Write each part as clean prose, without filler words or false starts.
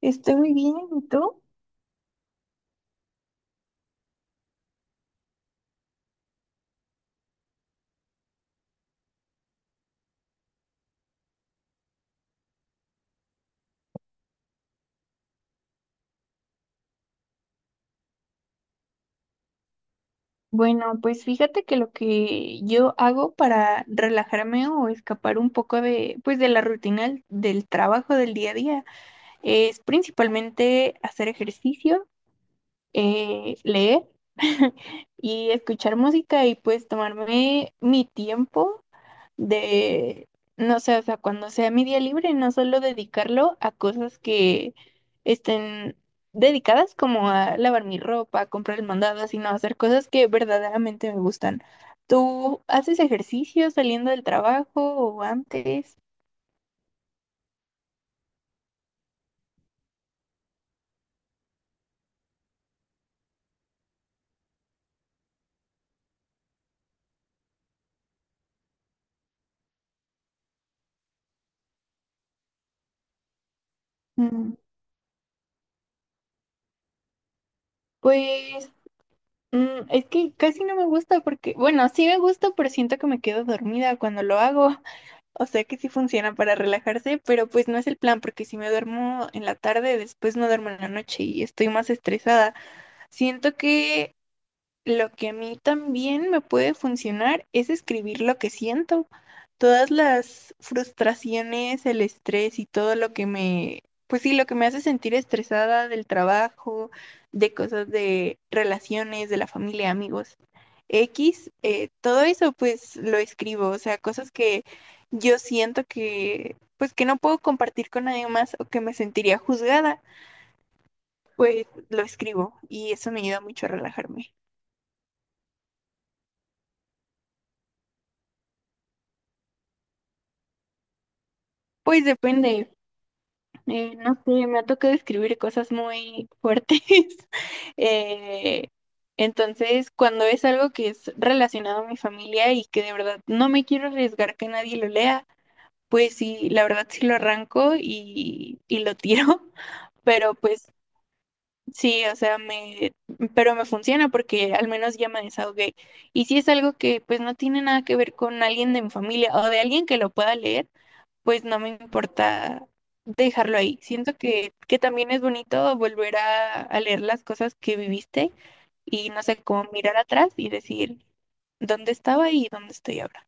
Estoy muy bien, ¿y tú? Bueno, pues fíjate que lo que yo hago para relajarme o escapar un poco de, pues de la rutina del trabajo del día a día es principalmente hacer ejercicio, leer y escuchar música y pues tomarme mi tiempo de, no sé, o sea, cuando sea mi día libre, no solo dedicarlo a cosas que estén dedicadas como a lavar mi ropa, comprar el mandado, sino hacer cosas que verdaderamente me gustan. ¿Tú haces ejercicio saliendo del trabajo o antes? Mm, Pues es que casi no me gusta porque, bueno, sí me gusta, pero siento que me quedo dormida cuando lo hago. O sea que sí funciona para relajarse, pero pues no es el plan, porque si me duermo en la tarde, después no duermo en la noche y estoy más estresada. Siento que lo que a mí también me puede funcionar es escribir lo que siento. Todas las frustraciones, el estrés y todo lo que me, pues sí, lo que me hace sentir estresada del trabajo, de cosas de relaciones, de la familia, amigos. X, todo eso pues lo escribo, o sea, cosas que yo siento que, pues que no puedo compartir con nadie más o que me sentiría juzgada, pues lo escribo y eso me ayuda mucho a relajarme. Pues depende. No sé, me ha tocado escribir cosas muy fuertes. Eh, entonces, cuando es algo que es relacionado a mi familia y que de verdad no me quiero arriesgar que nadie lo lea, pues sí, la verdad sí lo arranco y lo tiro. Pero pues sí, o sea, me, pero me funciona porque al menos ya me desahogué. Y si es algo que pues no tiene nada que ver con alguien de mi familia o de alguien que lo pueda leer, pues no me importa dejarlo ahí. Siento que también es bonito volver a leer las cosas que viviste y no sé, cómo mirar atrás y decir dónde estaba y dónde estoy ahora.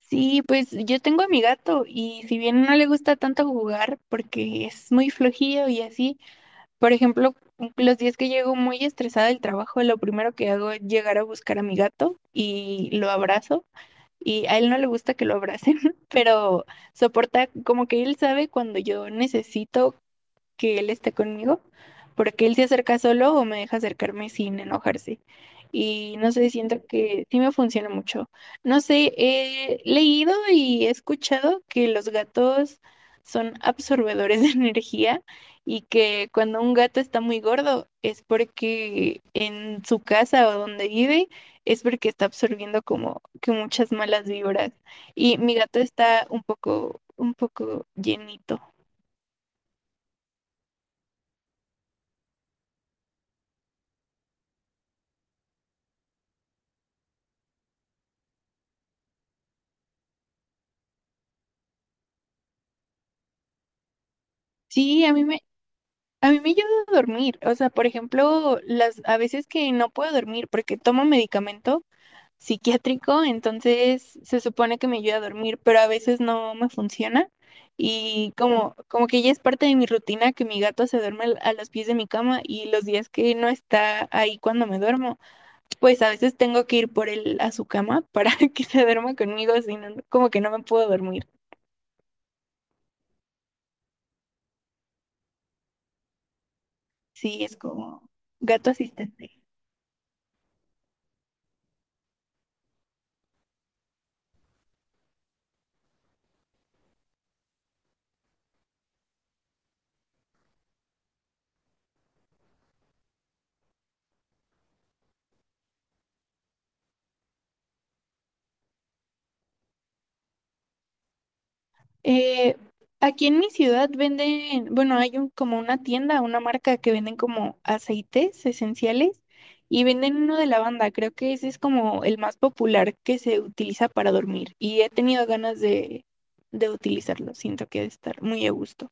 Sí, pues yo tengo a mi gato y si bien no le gusta tanto jugar porque es muy flojillo y así. Por ejemplo, los días que llego muy estresada del trabajo, lo primero que hago es llegar a buscar a mi gato y lo abrazo. Y a él no le gusta que lo abracen, pero soporta, como que él sabe cuando yo necesito que él esté conmigo, porque él se acerca solo o me deja acercarme sin enojarse. Y no sé, siento que sí me funciona mucho. No sé, he leído y he escuchado que los gatos son absorbedores de energía y que cuando un gato está muy gordo es porque en su casa o donde vive es porque está absorbiendo como que muchas malas vibras. Y mi gato está un poco llenito. Sí, a mí me A mí me ayuda a dormir, o sea, por ejemplo, las a veces que no puedo dormir porque tomo medicamento psiquiátrico, entonces se supone que me ayuda a dormir, pero a veces no me funciona y como que ya es parte de mi rutina que mi gato se duerme a los pies de mi cama y los días que no está ahí cuando me duermo, pues a veces tengo que ir por él a su cama para que se duerma conmigo, si no, como que no me puedo dormir. Sí, es como gato asistente. Eh, aquí en mi ciudad venden, bueno, hay un, como una tienda, una marca que venden como aceites esenciales y venden uno de lavanda. Creo que ese es como el más popular que se utiliza para dormir y he tenido ganas de utilizarlo. Siento que ha de estar muy a gusto.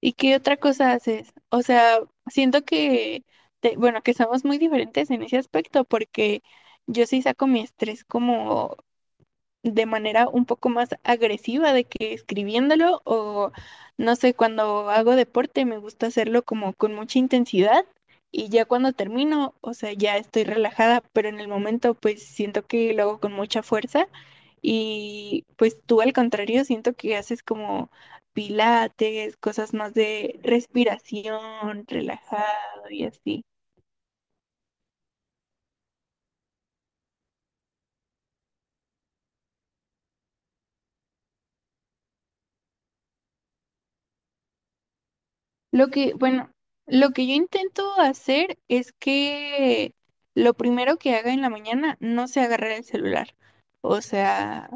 ¿Y qué otra cosa haces? O sea, siento que, bueno, que somos muy diferentes en ese aspecto porque yo sí saco mi estrés como de manera un poco más agresiva de que escribiéndolo o no sé, cuando hago deporte me gusta hacerlo como con mucha intensidad y ya cuando termino, o sea, ya estoy relajada, pero en el momento pues siento que lo hago con mucha fuerza y pues tú al contrario siento que haces como pilates, cosas más de respiración, relajado y así. Lo que, bueno, lo que yo intento hacer es que lo primero que haga en la mañana no sea agarrar el celular. O sea,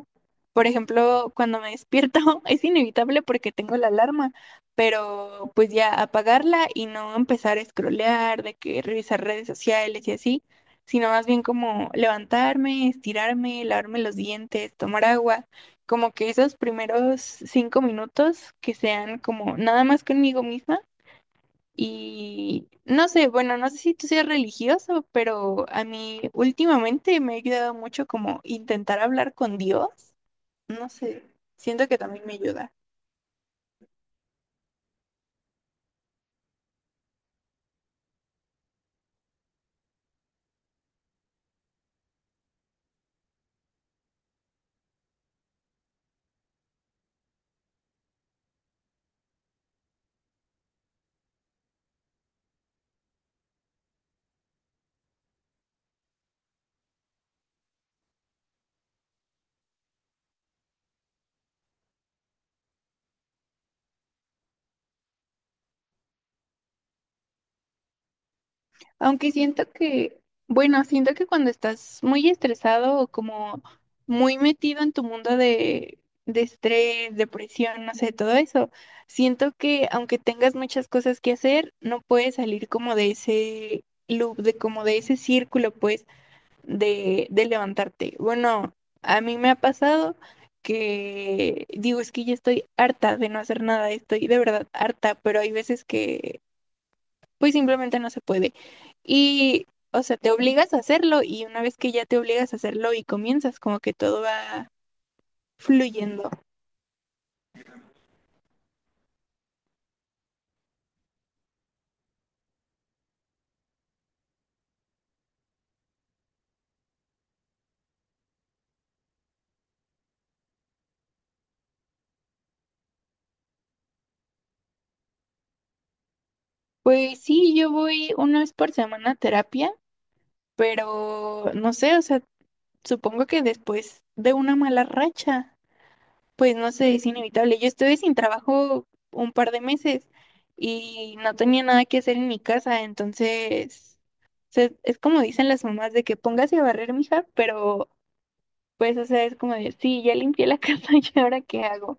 por ejemplo, cuando me despierto es inevitable porque tengo la alarma, pero pues ya apagarla y no empezar a scrollear, de que revisar redes sociales y así, sino más bien como levantarme, estirarme, lavarme los dientes, tomar agua, como que esos primeros 5 minutos que sean como nada más conmigo misma y no sé, bueno, no sé si tú seas religioso, pero a mí últimamente me ha ayudado mucho como intentar hablar con Dios. No sé, siento que también me ayuda. Aunque siento que, bueno, siento que cuando estás muy estresado o como muy metido en tu mundo de estrés, depresión, no sé, todo eso, siento que aunque tengas muchas cosas que hacer, no puedes salir como de ese loop, de como de ese círculo, pues. De levantarte. Bueno, a mí me ha pasado que digo, es que ya estoy harta de no hacer nada, estoy de verdad harta, pero hay veces que pues simplemente no se puede. Y, o sea, te obligas a hacerlo y una vez que ya te obligas a hacerlo y comienzas, como que todo va fluyendo. Pues sí, yo voy una vez por semana a terapia, pero no sé, o sea, supongo que después de una mala racha. Pues no sé, es inevitable. Yo estuve sin trabajo un par de meses y no tenía nada que hacer en mi casa, entonces, o sea, es como dicen las mamás de que póngase a barrer, mija, pero pues, o sea, es como de, sí, ya limpié la casa y ahora qué hago.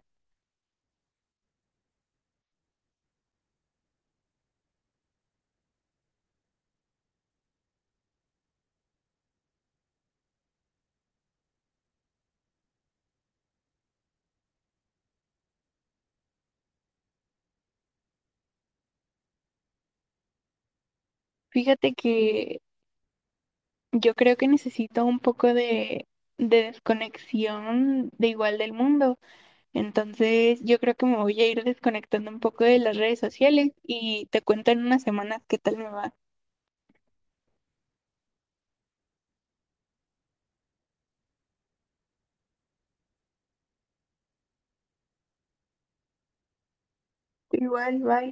Fíjate que yo creo que necesito un poco de desconexión de igual del mundo, entonces yo creo que me voy a ir desconectando un poco de las redes sociales y te cuento en unas semanas qué tal me va. Igual, bye.